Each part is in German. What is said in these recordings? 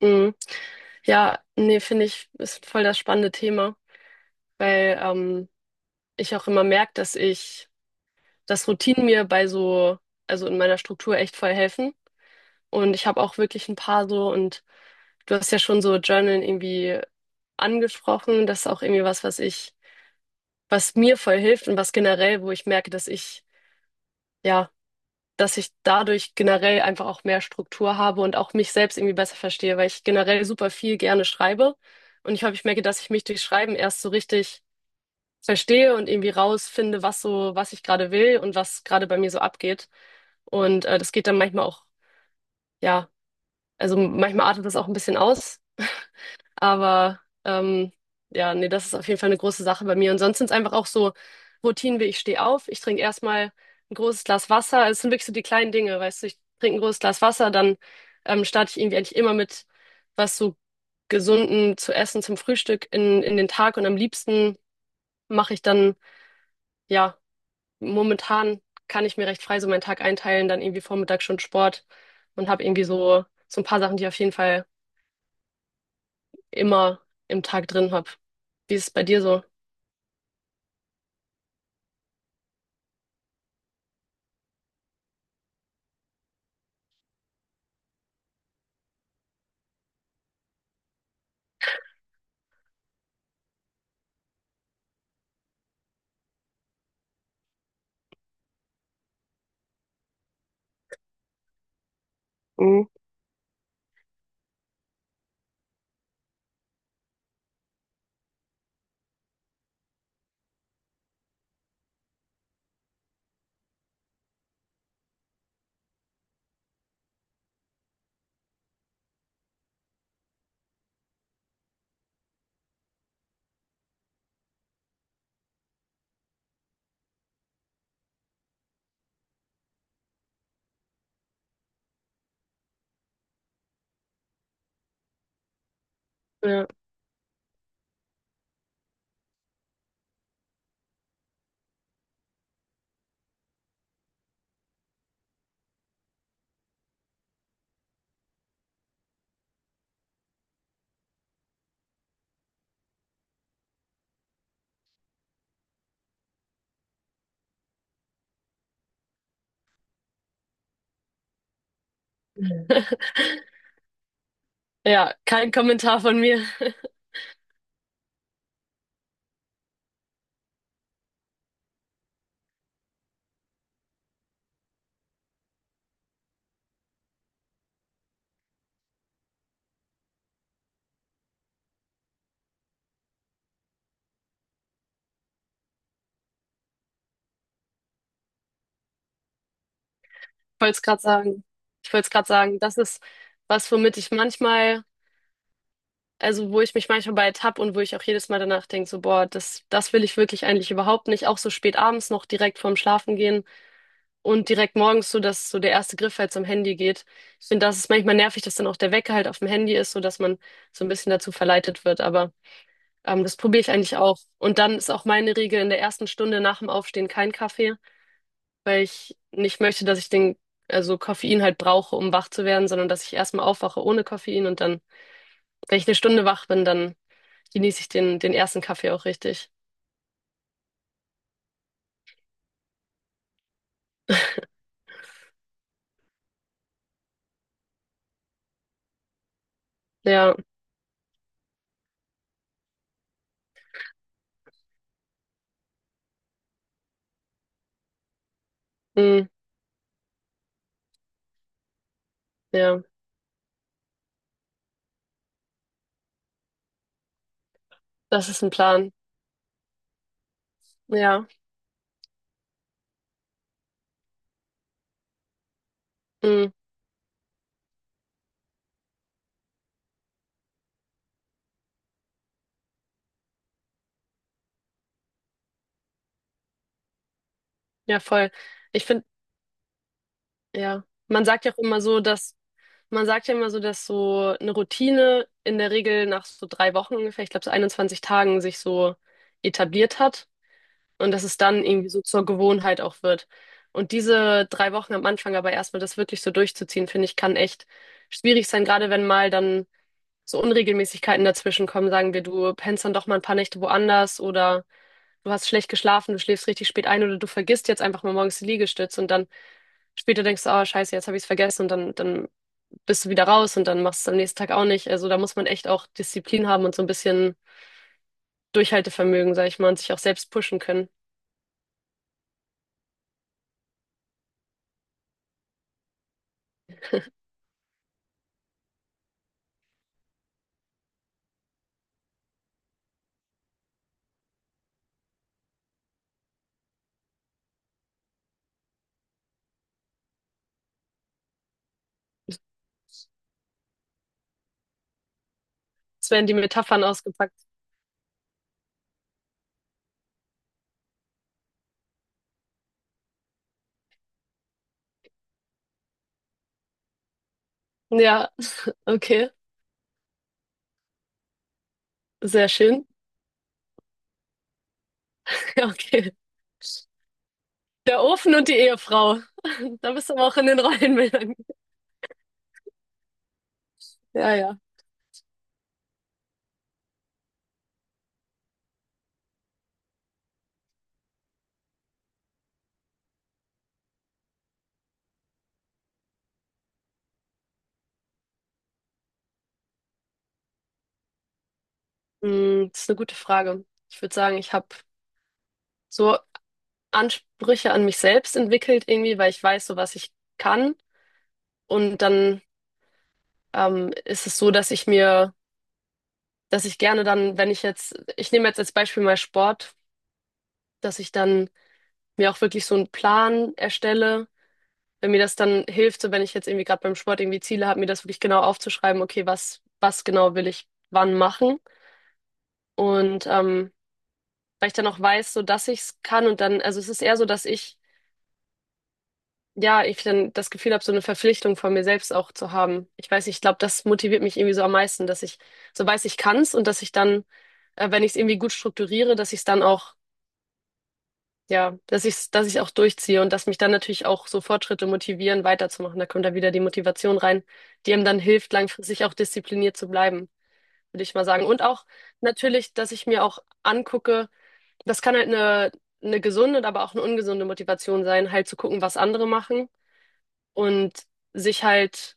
Mhm. Ja, nee, finde ich, ist voll das spannende Thema, weil ich auch immer merke, dass Routinen mir also in meiner Struktur echt voll helfen. Und ich habe auch wirklich ein paar so, und du hast ja schon so Journal irgendwie angesprochen. Das ist auch irgendwie was, was mir voll hilft und was generell, wo ich merke, ja, dass ich dadurch generell einfach auch mehr Struktur habe und auch mich selbst irgendwie besser verstehe, weil ich generell super viel gerne schreibe. Und ich merke, dass ich mich durch Schreiben erst so richtig verstehe und irgendwie rausfinde, was ich gerade will und was gerade bei mir so abgeht. Und das geht dann manchmal auch, ja, also manchmal artet das auch ein bisschen aus. Aber ja, nee, das ist auf jeden Fall eine große Sache bei mir. Und sonst sind es einfach auch so Routinen wie ich stehe auf, ich trinke erstmal ein großes Glas Wasser. Es sind wirklich so die kleinen Dinge, weißt du, ich trinke ein großes Glas Wasser, dann starte ich irgendwie eigentlich immer mit was so gesunden zu essen zum Frühstück in den Tag. Und am liebsten mache ich dann, ja, momentan kann ich mir recht frei so meinen Tag einteilen, dann irgendwie Vormittag schon Sport und habe irgendwie so, so ein paar Sachen, die ich auf jeden Fall immer im Tag drin habe. Wie ist es bei dir so? Mhm. Ja. Ja, kein Kommentar von mir. Ich wollte es gerade sagen. Ich wollte es gerade sagen, das ist was, also wo ich mich manchmal bei ertappe und wo ich auch jedes Mal danach denke, so, boah, das will ich wirklich eigentlich überhaupt nicht. Auch so spät abends noch direkt vorm Schlafengehen und direkt morgens so, dass so der erste Griff halt zum Handy geht. Ich finde, das ist manchmal nervig, dass dann auch der Wecker halt auf dem Handy ist, so dass man so ein bisschen dazu verleitet wird. Aber das probiere ich eigentlich auch. Und dann ist auch meine Regel in der ersten Stunde nach dem Aufstehen kein Kaffee. Weil ich nicht möchte, also Koffein halt brauche, um wach zu werden, sondern dass ich erstmal aufwache ohne Koffein und dann, wenn ich eine Stunde wach bin, dann genieße ich den ersten Kaffee auch richtig. Ja, mm, ja, das ist ein Plan. Ja, mm, ja, voll. Ich finde, ja, man sagt ja immer so, dass so eine Routine in der Regel nach so 3 Wochen ungefähr, ich glaube so 21 Tagen sich so etabliert hat. Und dass es dann irgendwie so zur Gewohnheit auch wird. Und diese 3 Wochen am Anfang aber erstmal das wirklich so durchzuziehen, finde ich, kann echt schwierig sein, gerade wenn mal dann so Unregelmäßigkeiten dazwischen kommen. Sagen wir, du pennst dann doch mal ein paar Nächte woanders oder du hast schlecht geschlafen, du schläfst richtig spät ein oder du vergisst jetzt einfach mal morgens die Liegestütze und dann später denkst du, oh Scheiße, jetzt habe ich es vergessen dann bist du wieder raus und dann machst du es am nächsten Tag auch nicht. Also da muss man echt auch Disziplin haben und so ein bisschen Durchhaltevermögen, sag ich mal, und sich auch selbst pushen können. Es werden die Metaphern ausgepackt. Ja, okay. Sehr schön. Ja, okay. Der Ofen und die Ehefrau. Da bist du aber auch in den Rollenbildern. Ja, ja. Hm, das ist eine gute Frage. Ich würde sagen, ich habe so Ansprüche an mich selbst entwickelt irgendwie, weil ich weiß, so was ich kann. Und dann ist es so, dass ich gerne dann, wenn ich jetzt, ich nehme jetzt als Beispiel mal Sport, dass ich dann mir auch wirklich so einen Plan erstelle, wenn mir das dann hilft, so wenn ich jetzt irgendwie gerade beim Sport irgendwie Ziele habe, mir das wirklich genau aufzuschreiben, okay, was genau will ich wann machen. Und weil ich dann auch weiß, so dass ich es kann und dann, also es ist eher so, ich dann das Gefühl habe, so eine Verpflichtung von mir selbst auch zu haben. Ich weiß, nicht, ich glaube, das motiviert mich irgendwie so am meisten, dass ich so weiß, ich kann es und dass ich dann, wenn ich es irgendwie gut strukturiere, dass ich es dann auch, ja, dass ich auch durchziehe und dass mich dann natürlich auch so Fortschritte motivieren, weiterzumachen. Da kommt dann wieder die Motivation rein, die einem dann hilft, langfristig auch diszipliniert zu bleiben, würde ich mal sagen. Und auch natürlich, dass ich mir auch angucke, das kann halt eine gesunde, aber auch eine ungesunde Motivation sein, halt zu gucken, was andere machen und sich halt,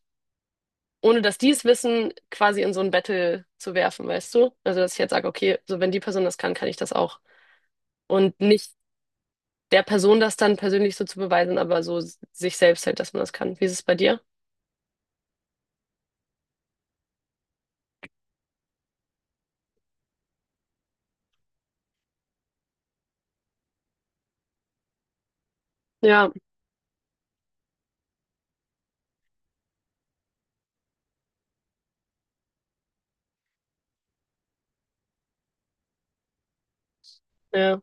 ohne dass die es wissen, quasi in so ein Battle zu werfen, weißt du? Also, dass ich jetzt sage, okay, so wenn die Person das kann, kann ich das auch. Und nicht der Person das dann persönlich so zu beweisen, aber so sich selbst halt, dass man das kann. Wie ist es bei dir? Ja, ja,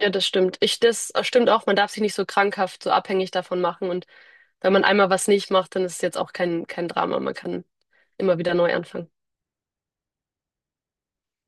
ja, das stimmt. Ich, das stimmt auch, man darf sich nicht so krankhaft, so abhängig davon machen. Und wenn man einmal was nicht macht, dann ist es jetzt auch kein Drama. Man kann immer wieder neu anfangen.